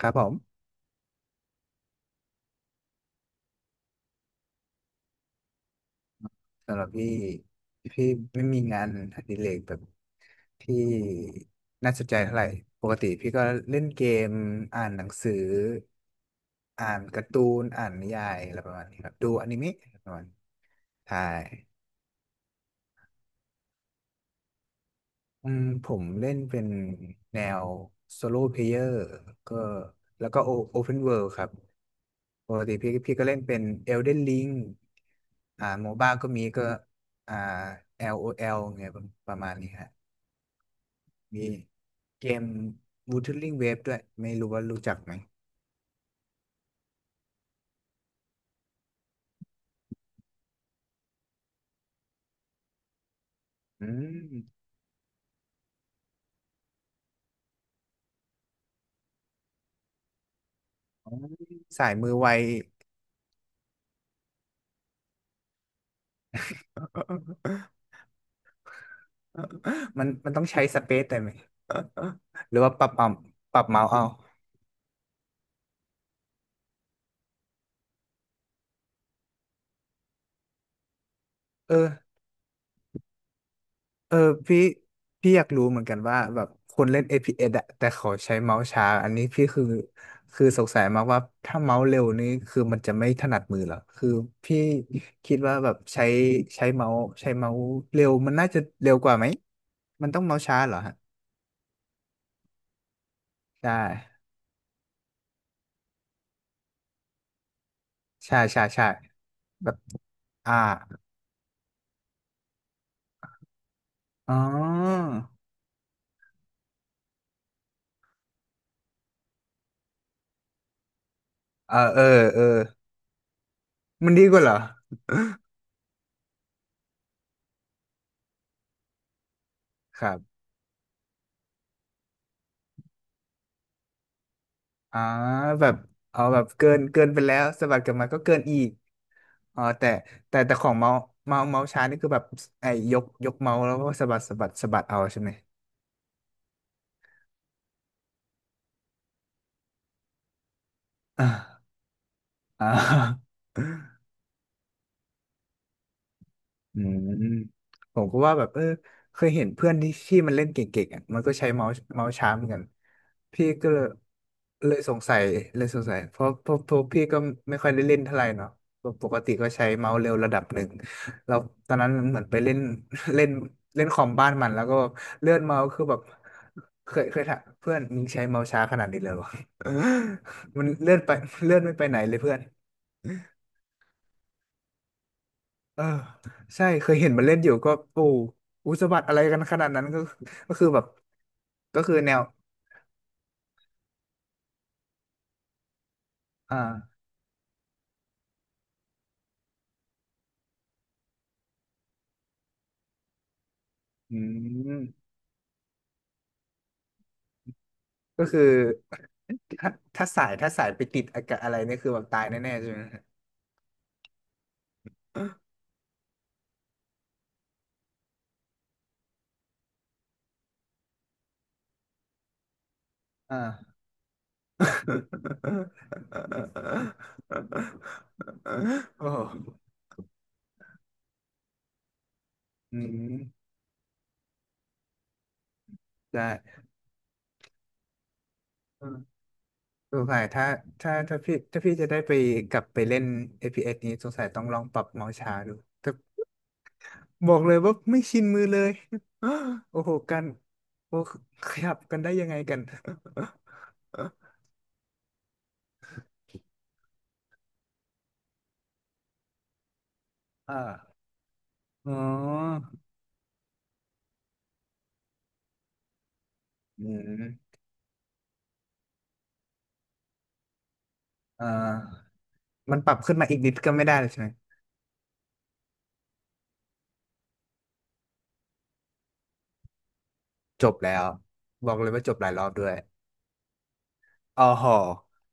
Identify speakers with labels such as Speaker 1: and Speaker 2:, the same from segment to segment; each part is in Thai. Speaker 1: ครับผมสำหรับพี่พี่ไม่มีงานอดิเรกแบบที่น่าสนใจเท่าไหร่ปกติพี่ก็เล่นเกมอ่านหนังสืออ่านการ์ตูนอ่านนิยายอะไรประมาณนี้ครับดูอนิเมะอะไรประมาณนี้ใช่อืมผมเล่นเป็นแนวโซโล่เพลเยอร์ก็แล้วก็โอเพนเวิลด์ครับปกติพี่ก็เล่นเป็นเอลเดนลิงโมบ้าก็มีก็อ่า LOL เงี้ยประมาณนี้ฮะ มีเกม Wuthering Waves ด้วยไม่รู้ว่ารู้จักไหมอืมอ๋อสายมือไว มันต้องใช้สเปซได้ไหมหรือว่าปรับเอาปรับเมาส์เอาเออเออพี่อยากรู้เหมือนกันว่าแบบคนเล่น FPS อฟพีเอสอะแต่เขาใช้เมาส์ช้าอันนี้พี่คือสงสัยมากว่าถ้าเมาส์เร็วนี่คือมันจะไม่ถนัดมือเหรอคือพี่คิดว่าแบบใช้ใช้เมาส์เร็วมันน่าจะเร็วกว่าไหมมันต้องเมาส์ช้าเหรอฮะ ใช่ใช่ใช่ใช่แบบอ่าอ๋อเออเออเออมันดีกว่าเหรอครับอ่าแบบเอาแบบเกินไปแล้วสะบัดกลับมาก็เกินอีกอ๋อแต่ของเมาส์เมาส์ช้านี่คือแบบไอ้ยกเมาส์แล้วก็สะบัดเอาใช่ไหมอ่าอ่า อืมผมก็ว่าแบบเออเคยเห็นเพื่อนที่มันเล่นเก่งๆอ่ะมันก็ใช้เมาส์ช้าเหมือนกันพี่ก็เลยสงสัยเพราะพี่ก็ไม่ค่อยได้เล่นเท่าไหร่เนาะปกติก็ใช้เมาส์เร็วระดับหนึ่งแล้วตอนนั้นเหมือนไปเล่น เล่นเล่นคอมบ้านมันแล้วก็เลื่อนเมาส์คือแบบเคยถามเพื่อนมึงใช้เมาส์ช้าขนาดนี้เลยวะ มันเลื่อนไปเลื่อนไม่ไปไหนเลยเพื่อน เออใช่เคยเห็นมันเล่นอยู่ก็โอ้อุยสะบัดอะไรกันขนาดนั้นก็ก็คือแบบก็คือแนวอ่าอืมก็คือถ้าถ้าสายไปติดอากาศอะไรนี่คือแบบตายแน่ๆใช่ไหมฮะอ่า โอ้โหอืมได้เออสงสัยถ้าถ้าพี่จะได้ไปกลับไปเล่น APS นี้สงสัยต้องลองปรับเมาส์ช้าดู บอกเลยว่าไม่ชินมือเลย โอ้โหกัน โอ้ขยับกันได้ยังไงกัน อ่าอ๋ออืมอ่ามันปรับขึ้นมาอีกนิดก็ไม่ได้เลยใช่ไหม จบแล้ว บอกเลยว่าจบหลายรอบด้วย อ๋อหอ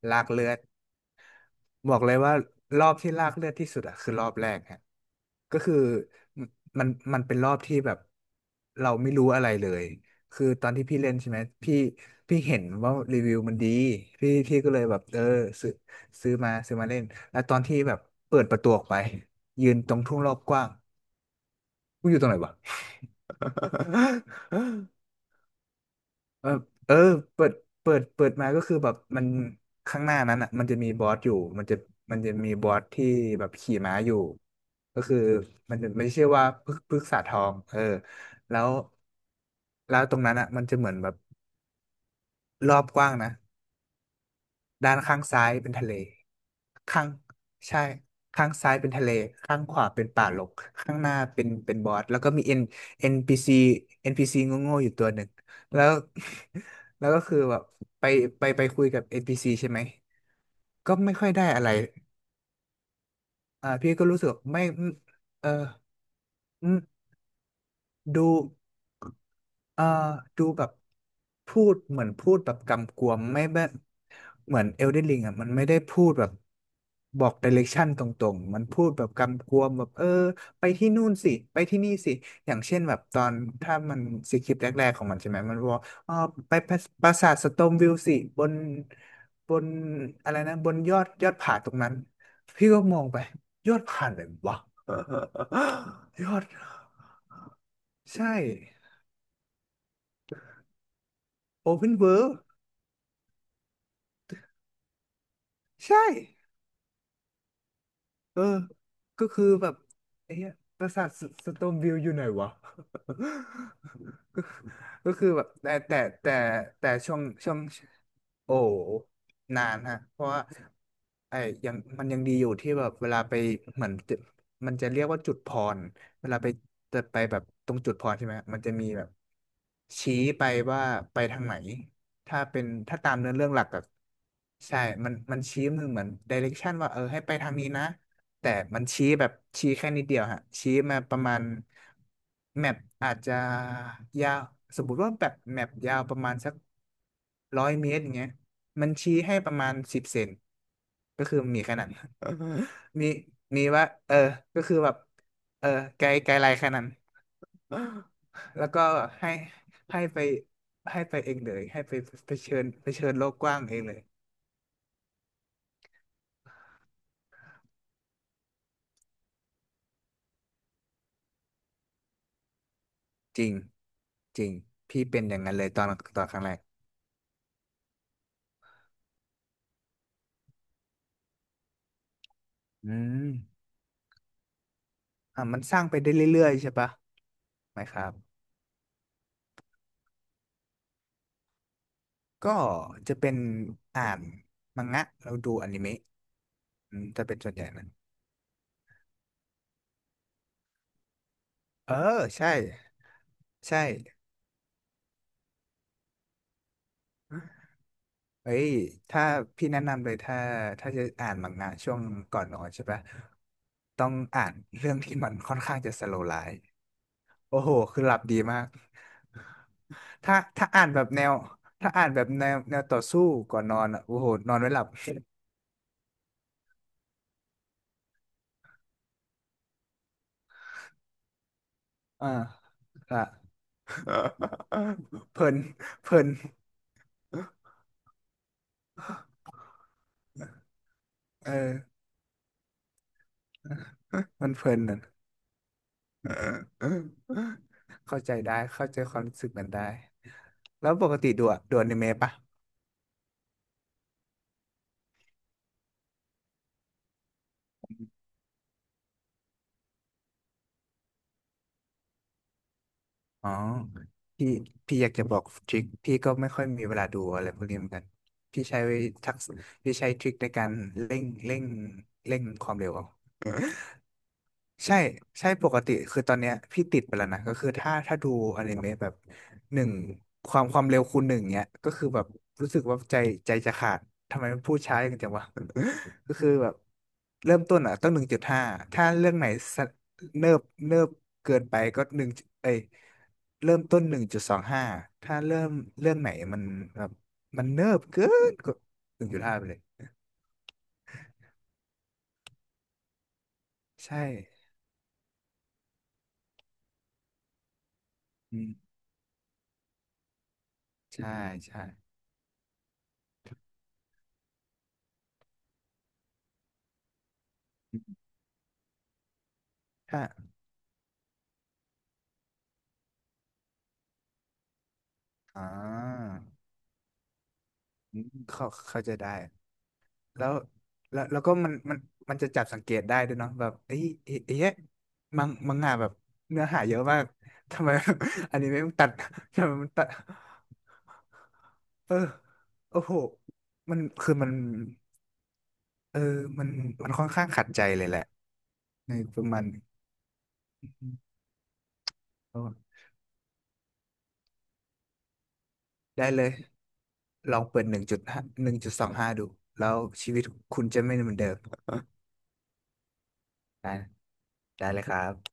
Speaker 1: ลากเลือด บอกเลยว่ารอบที่ลากเลือดที่สุดอะคือรอบแรกฮะก็คือมันมันเป็นรอบที่แบบเราไม่รู้อะไรเลยคือตอนที่พี่เล่นใช่ไหมพี่พี่เห็นว่ารีวิวมันดีพี่ก็เลยแบบเออซื้อซื้อมาเล่นแล้วตอนที่แบบเปิดประตูออกไปยืนตรงทุ่งรอบกว้างกูอยู่ตรงไหนวะ เออเออเปิดเปิดมาก็คือแบบมันข้างหน้านั้นอ่ะมันจะมีบอสอยู่ มันจะมีบอสที่แบบขี่ม้าอยู่ ก็คือมันจะไม่ใช่ว่าพึกษ์พึกษาทองเออแล้วแล้วตรงนั้นอ่ะมันจะเหมือนแบบรอบกว้างนะ ด้านข้างซ้ายเป็นทะเล ข้าง ใช่ ข้างซ้ายเป็นทะเล ข้างขวาเป็นป่ารกข้างหน้าเป็นบอสแล้วก็มีเอ็นเอ็นพีซีเอ็นพีซีโง่ๆอยู่ตัวหนึ่ง แล้ว แล้วก็คือแบบไปไปคุยกับเอ็นพีซีใช่ไหม ก็ไม่ค่อยได้อะไรพี่ก็รู้สึกไม่เอออืมดู เอ่อดูแบบพูดเหมือนพูดแบบกำกวมไม่แบบเหมือนเอลเดนริงอ่ะมันไม่ได้พูดแบบบอกดิเรกชันตรงๆมันพูดแบบกำกวมแบบเออไปที่นู่นสิไปที่นี่สิอย่างเช่นแบบตอนถ้ามันสคริปต์แรกๆของมันใช่ไหมมันบอกเออไปปราสาทสโตมวิวสิบนบนอะไรนะบนยอดผาตรงนั้นพี่ก็มองไปยอดผาเลยวะ ยอดใช่ Open World ใช่ เออก็คือแบบไอ้เหี้ยปราสาทสสโตนวิวอยู่ไหนวะ ก็ก็คือแบบแต่แต่ช่วง โอ้โหนานฮะเพราะว่าไอ้ยังมันยังดีอยู่ที่แบบเวลาไปเหมือนจะมันจะเรียกว่าจุดพรเวลาไปจะไปแบบตรงจุดพรใช่ไหมฮะมันจะมีแบบชี้ไปว่าไปทางไหนถ้าตามเนื้อเรื่องหลักอะใช่มันชี้มือเหมือนดิเรกชันว่าเออให้ไปทางนี้นะแต่มันชี้แบบชี้แค่นิดเดียวฮะชี้มาประมาณแมปอาจจะยาวสมมุติว่าแบบแมปยาวประมาณสัก 100 เมตรอย่างเงี้ยมันชี้ให้ประมาณ10 เซนก็คือมีขนาดนั้น มีมีว่าเออก็คือแบบเออไกลไกลไลขนาดนั้น แล้วก็ให้ให้ไปให้ไปเองเลยให้ไปไปเชิญไปเชิญโลกกว้างเองเลยจริงจริงพี่เป็นอย่างนั้นเลยตอนครั้งแรกอืมอ่ะมันสร้างไปได้เรื่อยๆใช่ปะไหมครับก็จะเป็นอ่านมังงะเราดูอนิเมะอืมจะเป็นส่วนใหญ่นั้นเออใช่ ใช่เอ้ย ถ้าพี่แนะนำเลยถ้าจะอ่านมังงะช่วงก่อนนอนใช่ปะ ต้องอ่านเรื่องที่มันค่อนข้างจะสโลว์ไลฟ์โอ้โหคือหลับดีมากถ้าถ้าอ่านแบบแนวถ้าอ่านแบบแนวต่อสู้ก่อนนอนอ่ะโอ้โหนอนไม่หลับอ่าอ่ะ เพลินเพลินเออมันเพลินน่ะเข้าใจได้ เข้าใจความรู้สึกมันได้แล้วปกติดูอนิเมะปะ อ๋อพี่พี่อยากจะบอกทริคพี่ก็ไม่ค่อยมีเวลาดูอะไรพวกนี้เหมือนกันพี่ใช้ทักษะพี่ใช้ทริคในการเร่งเร่งเร่งความเร็ว ใช่ใช่ปกติคือตอนเนี้ยพี่ติดไปแล้วนะก็คือถ้าดูอนิเมะแบบหนึ่งความเร็วคูณหนึ่งเนี้ยก็คือแบบรู้สึกว่าใจจะขาดทำไมมันพูดช้าอย่างจังวะ ก็คือแบบเริ่มต้นอ่ะต้องหนึ่งจุดห้าถ้าเรื่องไหนสะเนิบเนิบเกินไปก็หนึ่งเอ้ยเริ่มต้นหนึ่งจุดสองห้าถ้าเริ่มเรื่องไหนมันแบบมันเนิบเกินก็หนึ่งจุดห้าไปเลยใช่อืมใช่ใช่ถ้าอ่า อืมเข้าใจได้แล้วก็มันจะจับสังเกตได้ด้วยเนาะแบบเอ้ยเอ๊ะเอ๊ะมังงะแบบเนื้อหาเยอะมาก ทำไม อันนี้ไม่ตัด ทำไมมันตัดเออโอ้โหมันคือมันเออมันมันค่อนข้างขัดใจเลยแหละในประมาณหนึ่งอมโอ้ได้เลยลองเปิดหนึ่งจุดห้าหนึ่งจุดสองห้าดูแล้วชีวิตคุณจะไม่เหมือนเดิมได้ได้เลยครับ